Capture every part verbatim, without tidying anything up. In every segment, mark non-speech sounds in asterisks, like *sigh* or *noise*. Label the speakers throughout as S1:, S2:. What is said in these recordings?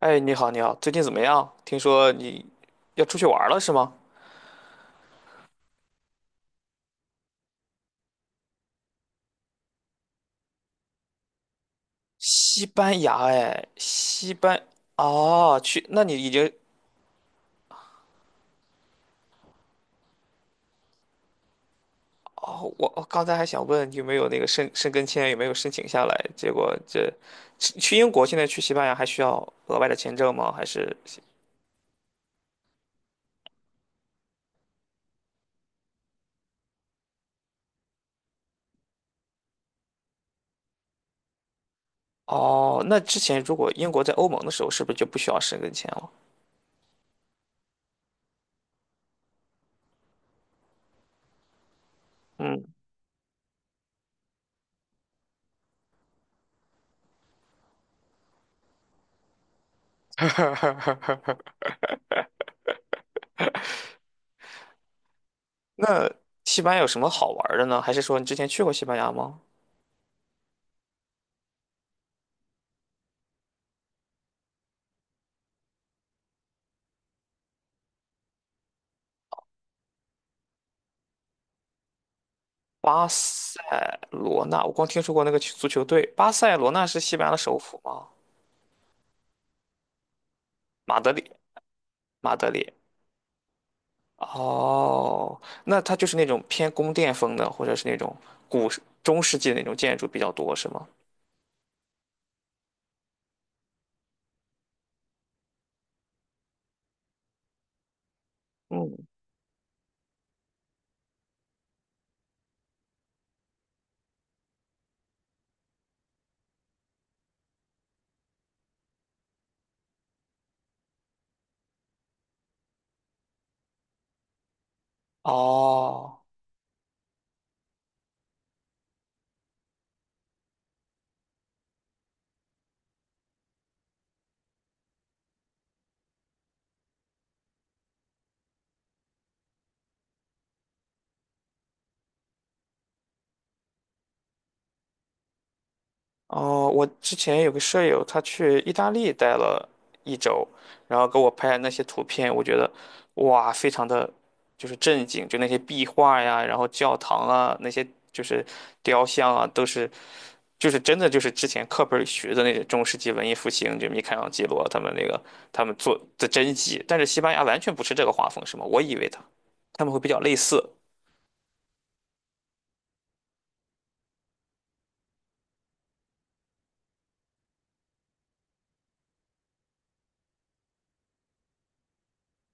S1: 哎，你好，你好，最近怎么样？听说你要出去玩儿了是吗？西班牙，哎，西班，哦，去，那你已经，哦，我我刚才还想问有没有那个申申根签，有没有申请下来？结果这去去英国，现在去西班牙还需要额外的签证吗？还是，哦，那之前如果英国在欧盟的时候，是不是就不需要申根签了？嗯，那西班牙有什么好玩儿的呢？还是说你之前去过西班牙吗？巴塞罗那，我光听说过那个球足球队。巴塞罗那是西班牙的首府吗？马德里，马德里。哦，那它就是那种偏宫殿风的，或者是那种古时中世纪的那种建筑比较多，是吗？嗯，哦，哦，我之前有个舍友，他去意大利待了一周，然后给我拍那些图片，我觉得哇，非常的就是震惊，就那些壁画呀，然后教堂啊，那些就是雕像啊，都是就是真的就是之前课本里学的那些中世纪文艺复兴，就米开朗基罗他们那个他们做的真迹，但是西班牙完全不是这个画风，是吗？我以为他他们会比较类似。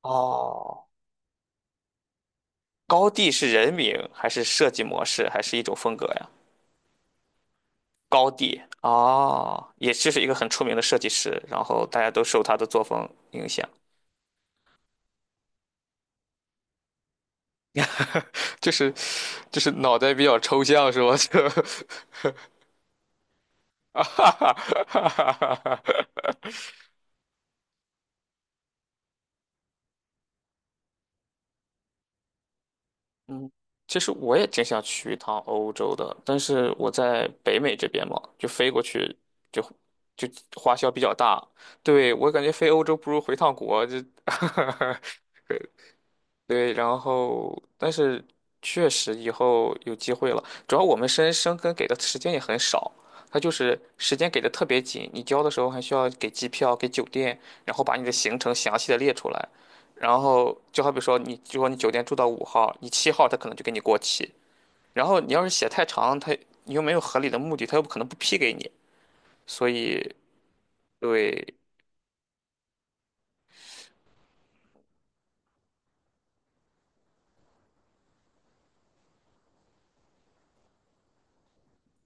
S1: 哦，高地是人名还是设计模式，还是一种风格呀？高地哦，也就是一个很出名的设计师，然后大家都受他的作风影响。*laughs* 就是就是脑袋比较抽象是吗？*laughs* 就啊哈哈哈哈哈哈！嗯，其实我也挺想去一趟欧洲的，但是我在北美这边嘛，就飞过去就就花销比较大。对，我感觉飞欧洲不如回趟国，这 *laughs* 对对，然后但是确实以后有机会了，主要我们深深根给的时间也很少，他就是时间给的特别紧，你交的时候还需要给机票、给酒店，然后把你的行程详细的列出来，然后就好比说你就说你酒店住到五号，你七号他可能就给你过期，然后你要是写太长，他你又没有合理的目的，他又不可能不批给你，所以对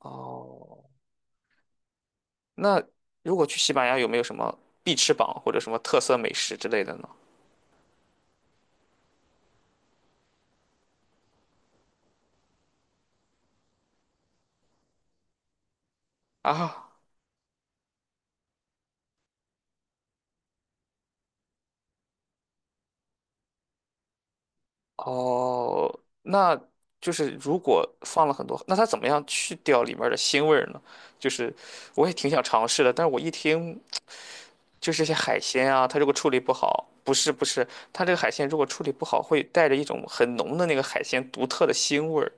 S1: 哦，那如果去西班牙有没有什么必吃榜或者什么特色美食之类的呢？啊，哦，那就是如果放了很多，那它怎么样去掉里面的腥味儿呢？就是我也挺想尝试的，但是我一听就是这些海鲜啊，它如果处理不好，不是不是，它这个海鲜如果处理不好，会带着一种很浓的那个海鲜独特的腥味儿。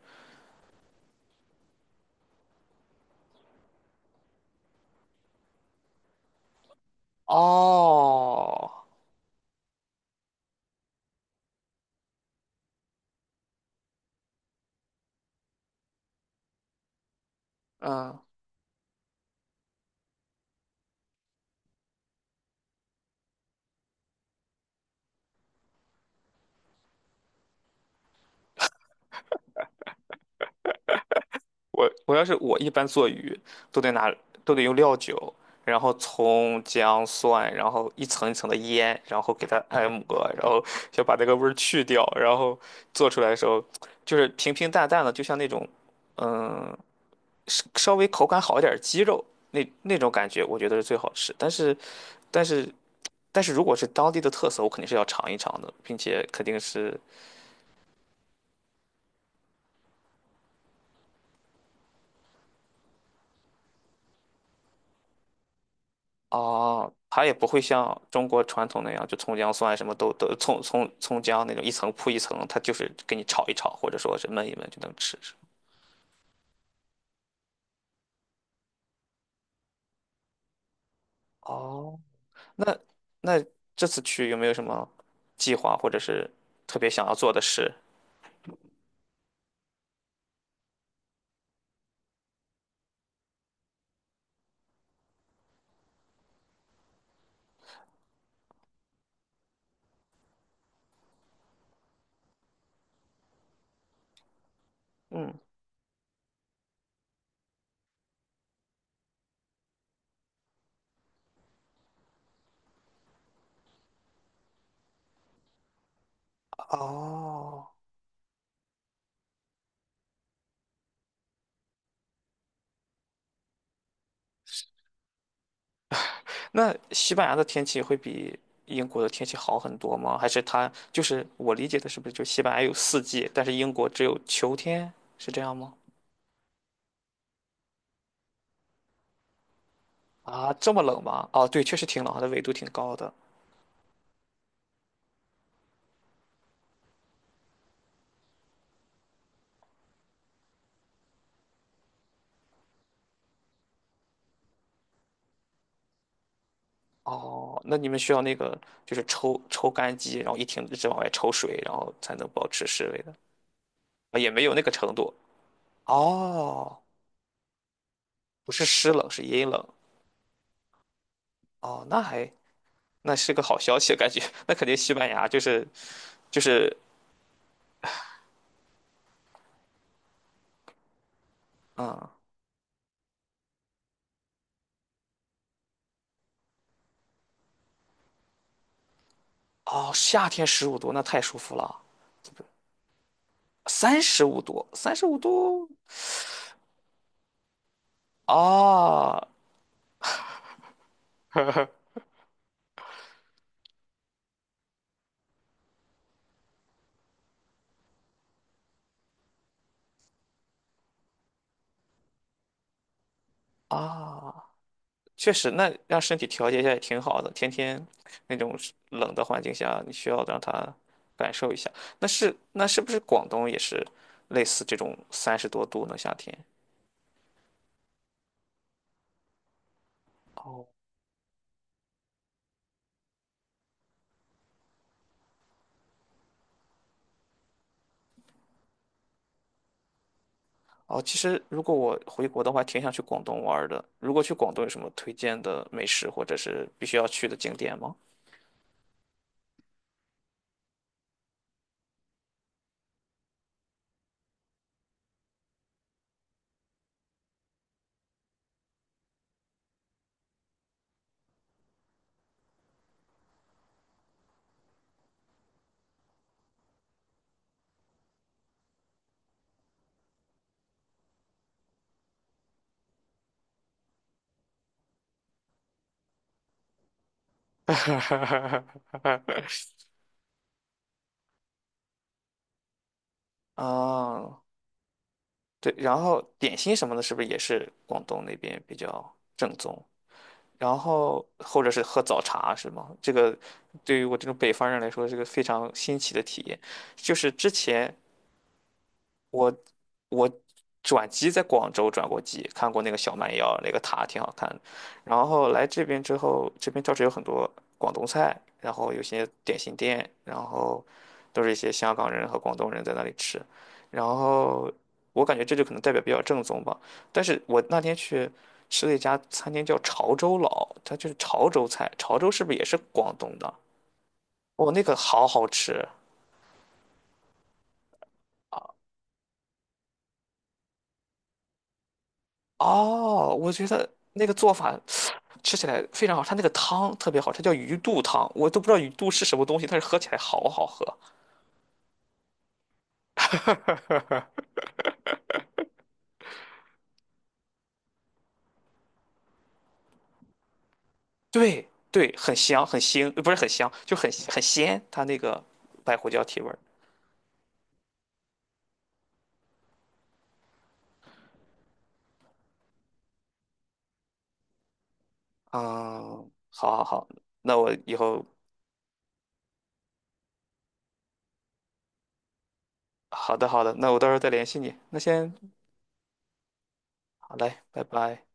S1: 哦，嗯，我我要是我一般做鱼，都得拿都得用料酒，然后葱姜蒜，然后一层一层的腌，然后给它按摩，然后 *laughs* 想把那个味儿去掉，然后做出来的时候就是平平淡淡的，就像那种嗯稍稍微口感好一点儿的鸡肉那那种感觉，我觉得是最好吃。但是但是但是如果是当地的特色，我肯定是要尝一尝的，并且肯定是。哦，它也不会像中国传统那样，就葱姜蒜什么都都葱葱葱姜那种一层铺一层，它就是给你炒一炒，或者说是焖一焖就能吃。是吗？哦，那那这次去有没有什么计划，或者是特别想要做的事？嗯，哦，那西班牙的天气会比英国的天气好很多吗？还是它就是我理解的，是不是就西班牙有四季，但是英国只有秋天，是这样吗？啊，这么冷吗？哦，对，确实挺冷的，纬度挺高的。哦，那你们需要那个就是抽抽干机，然后一停一直往外抽水，然后才能保持室温的啊，也没有那个程度。哦，不是湿冷，是阴冷。哦，那还那是个好消息，感觉 *laughs* 那肯定西班牙就是就是嗯哦，夏天十五度，那太舒服了。三十五度，三十五度啊啊！确实，那让身体调节一下也挺好的。天天那种是冷的环境下，你需要让他感受一下。那是那是不是广东也是类似这种三十多度呢？夏天？哦哦，其实如果我回国的话，挺想去广东玩儿的。如果去广东有什么推荐的美食或者是必须要去的景点吗？*laughs* 啊，对，然后点心什么的，是不是也是广东那边比较正宗？然后或者是喝早茶是吗？这个对于我这种北方人来说是个非常新奇的体验。就是之前我我转机在广州转过机，看过那个小蛮腰，那个塔挺好看的。然后来这边之后，这边倒是有很多广东菜，然后有些点心店，然后都是一些香港人和广东人在那里吃。然后我感觉这就可能代表比较正宗吧。但是我那天去吃了一家餐厅叫潮州佬，它就是潮州菜，潮州是不是也是广东的？哦，那个好好吃。哦，我觉得那个做法吃起来非常好，它那个汤特别好，它叫鱼肚汤，我都不知道鱼肚是什么东西，但是喝起来好好喝。对对，很香，很腥，呃不是很香，就很很鲜，它那个白胡椒提味儿。嗯，好好好，那我以后好的好的，那我到时候再联系你。那先好嘞，拜拜。